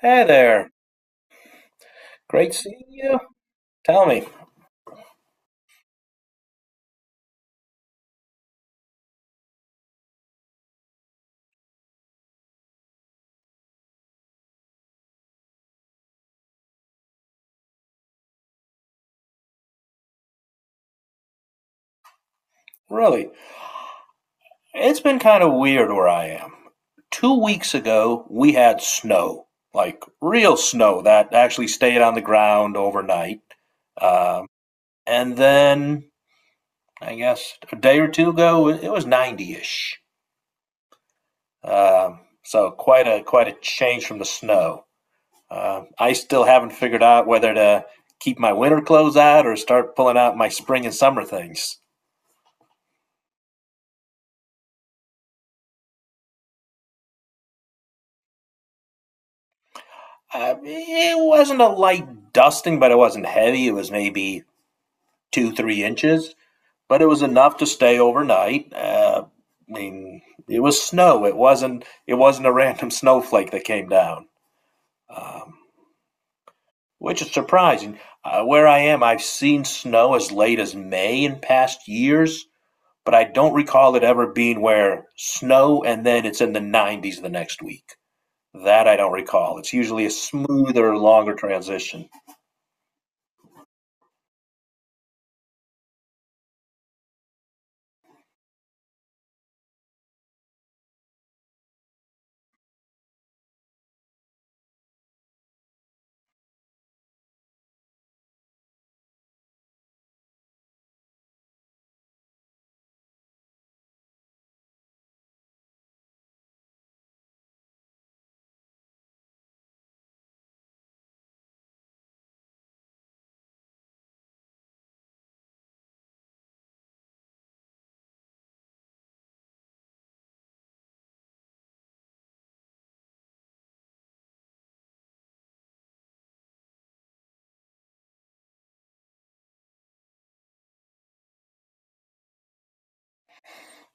Hey there. Great seeing you. Tell me, really, it's been kind of weird where I am. 2 weeks ago, we had snow, like real snow that actually stayed on the ground overnight. Um, and then, I guess, a day or two ago, it was 90-ish. So quite a change from the snow. I still haven't figured out whether to keep my winter clothes out or start pulling out my spring and summer things. I It wasn't a light dusting, but it wasn't heavy. It was maybe two, 3 inches, but it was enough to stay overnight. I mean, it was snow. It wasn't a random snowflake that came down, um, which is surprising. Where I am, I've seen snow as late as May in past years, but I don't recall it ever being where snow and then it's in the 90s the next week. That I don't recall. It's usually a smoother, longer transition.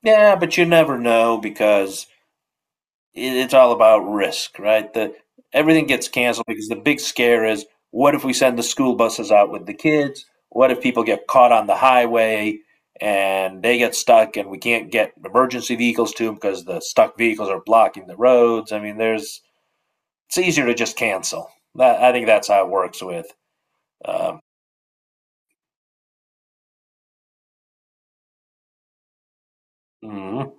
Yeah, but you never know because it's all about risk, right? The Everything gets canceled because the big scare is, what if we send the school buses out with the kids? What if people get caught on the highway and they get stuck and we can't get emergency vehicles to them because the stuck vehicles are blocking the roads? There's it's easier to just cancel. I think that's how it works with. Um, mhm.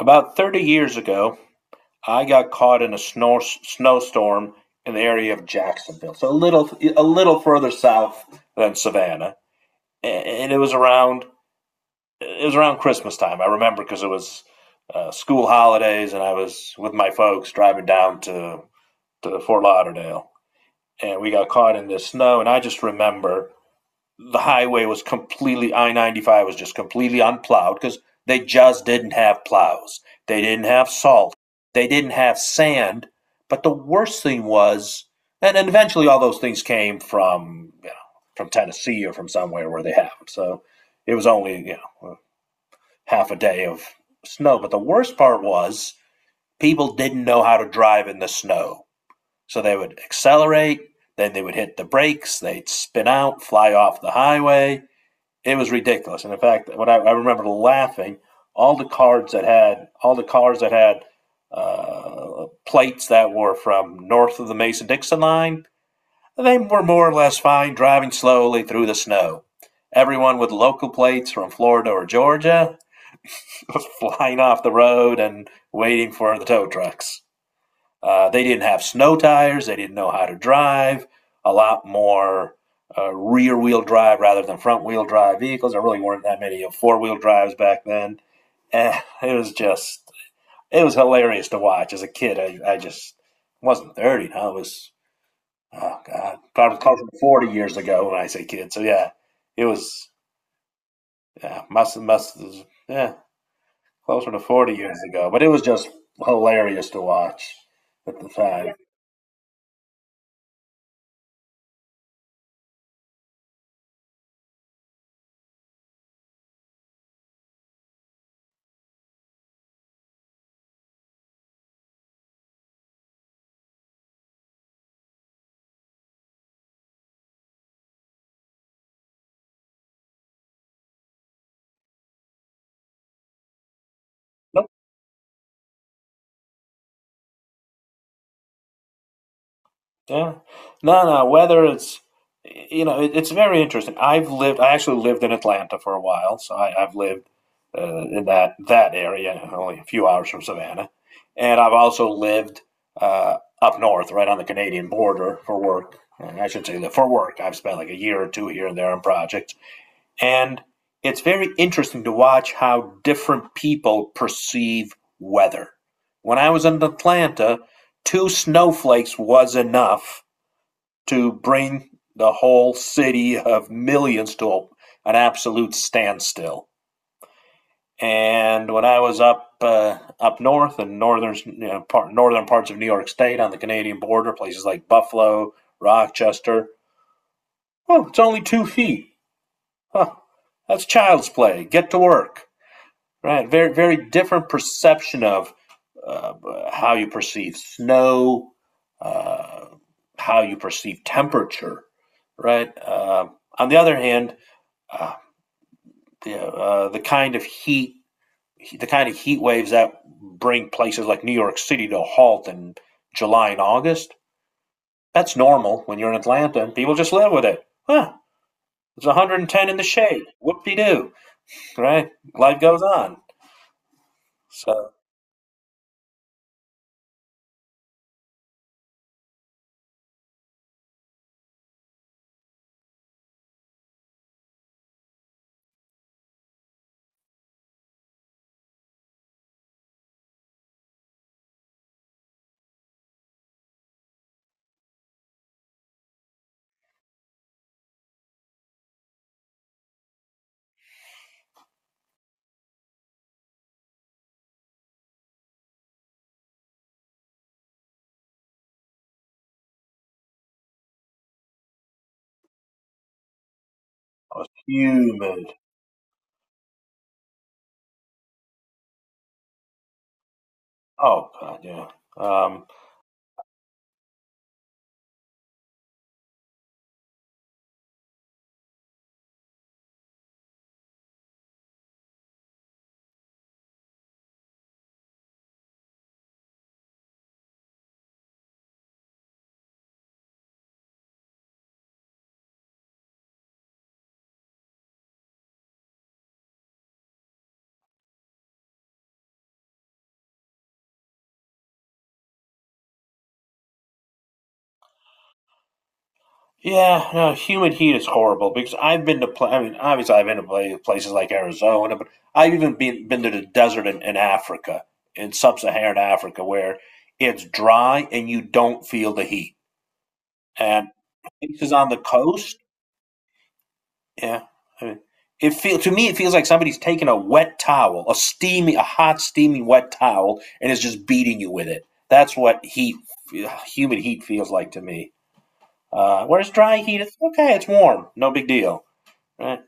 About 30 years ago, I got caught in a snowstorm in the area of Jacksonville, so a little further south than Savannah, and it was around Christmas time. I remember because it was school holidays, and I was with my folks driving down to Fort Lauderdale, and we got caught in this snow. And I just remember the highway was completely, I 95 was just completely unplowed because they just didn't have plows. They didn't have salt. They didn't have sand. But the worst thing was, and eventually all those things came from, you know, from Tennessee or from somewhere where they have them. So it was only, you know, half a day of snow. But the worst part was people didn't know how to drive in the snow. So they would accelerate, then they would hit the brakes, they'd spin out, fly off the highway. It was ridiculous. And in fact, I remember laughing, all the cars that had plates that were from north of the Mason Dixon line, they were more or less fine driving slowly through the snow. Everyone with local plates from Florida or Georgia was flying off the road and waiting for the tow trucks. They didn't have snow tires. They didn't know how to drive. A lot more rear wheel drive rather than front wheel drive vehicles. There really weren't that many four-wheel drives back then. And it was just, it was hilarious to watch as a kid. I just wasn't 30. No, it was, oh God, probably close to 40 years ago when I say kid. So yeah, it was, yeah, must, yeah, closer to 40 years ago. But it was just hilarious to watch at the time. No. Yeah. No, no, weather, it's, you know, it's very interesting. I actually lived in Atlanta for a while, so I've lived in that area, only a few hours from Savannah. And I've also lived up north, right on the Canadian border for work. And I should say that for work, I've spent like a year or two here and there on projects. And it's very interesting to watch how different people perceive weather. When I was in Atlanta, two snowflakes was enough to bring the whole city of millions to an absolute standstill. And when I was up north in northern, you know, northern parts of New York State on the Canadian border, places like Buffalo, Rochester, oh, it's only 2 feet. Huh. That's child's play. Get to work. Right. Very, very different perception of uh, how you perceive snow, uh, how you perceive temperature, right? On the other hand, uh, the kind of heat, the kind of heat waves that bring places like New York City to a halt in July and August, that's normal when you're in Atlanta and people just live with it. Huh, it's 110 in the shade. Whoop-de-doo, right? Life goes on. So it's humid. Oh god, yeah. Um, yeah, no, humid heat is horrible because I mean, obviously I've been to places like Arizona, but I've even been to the desert in Africa, in sub-Saharan Africa, where it's dry and you don't feel the heat. And places on the coast, yeah, I mean, it feels like somebody's taking a wet towel, a hot, steamy wet towel, and is just beating you with it. That's what heat, humid heat feels like to me. Where's dry heat? It's okay, it's warm. No big deal. Right?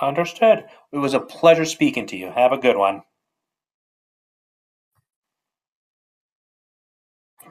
Understood. It was a pleasure speaking to you. Have a good one.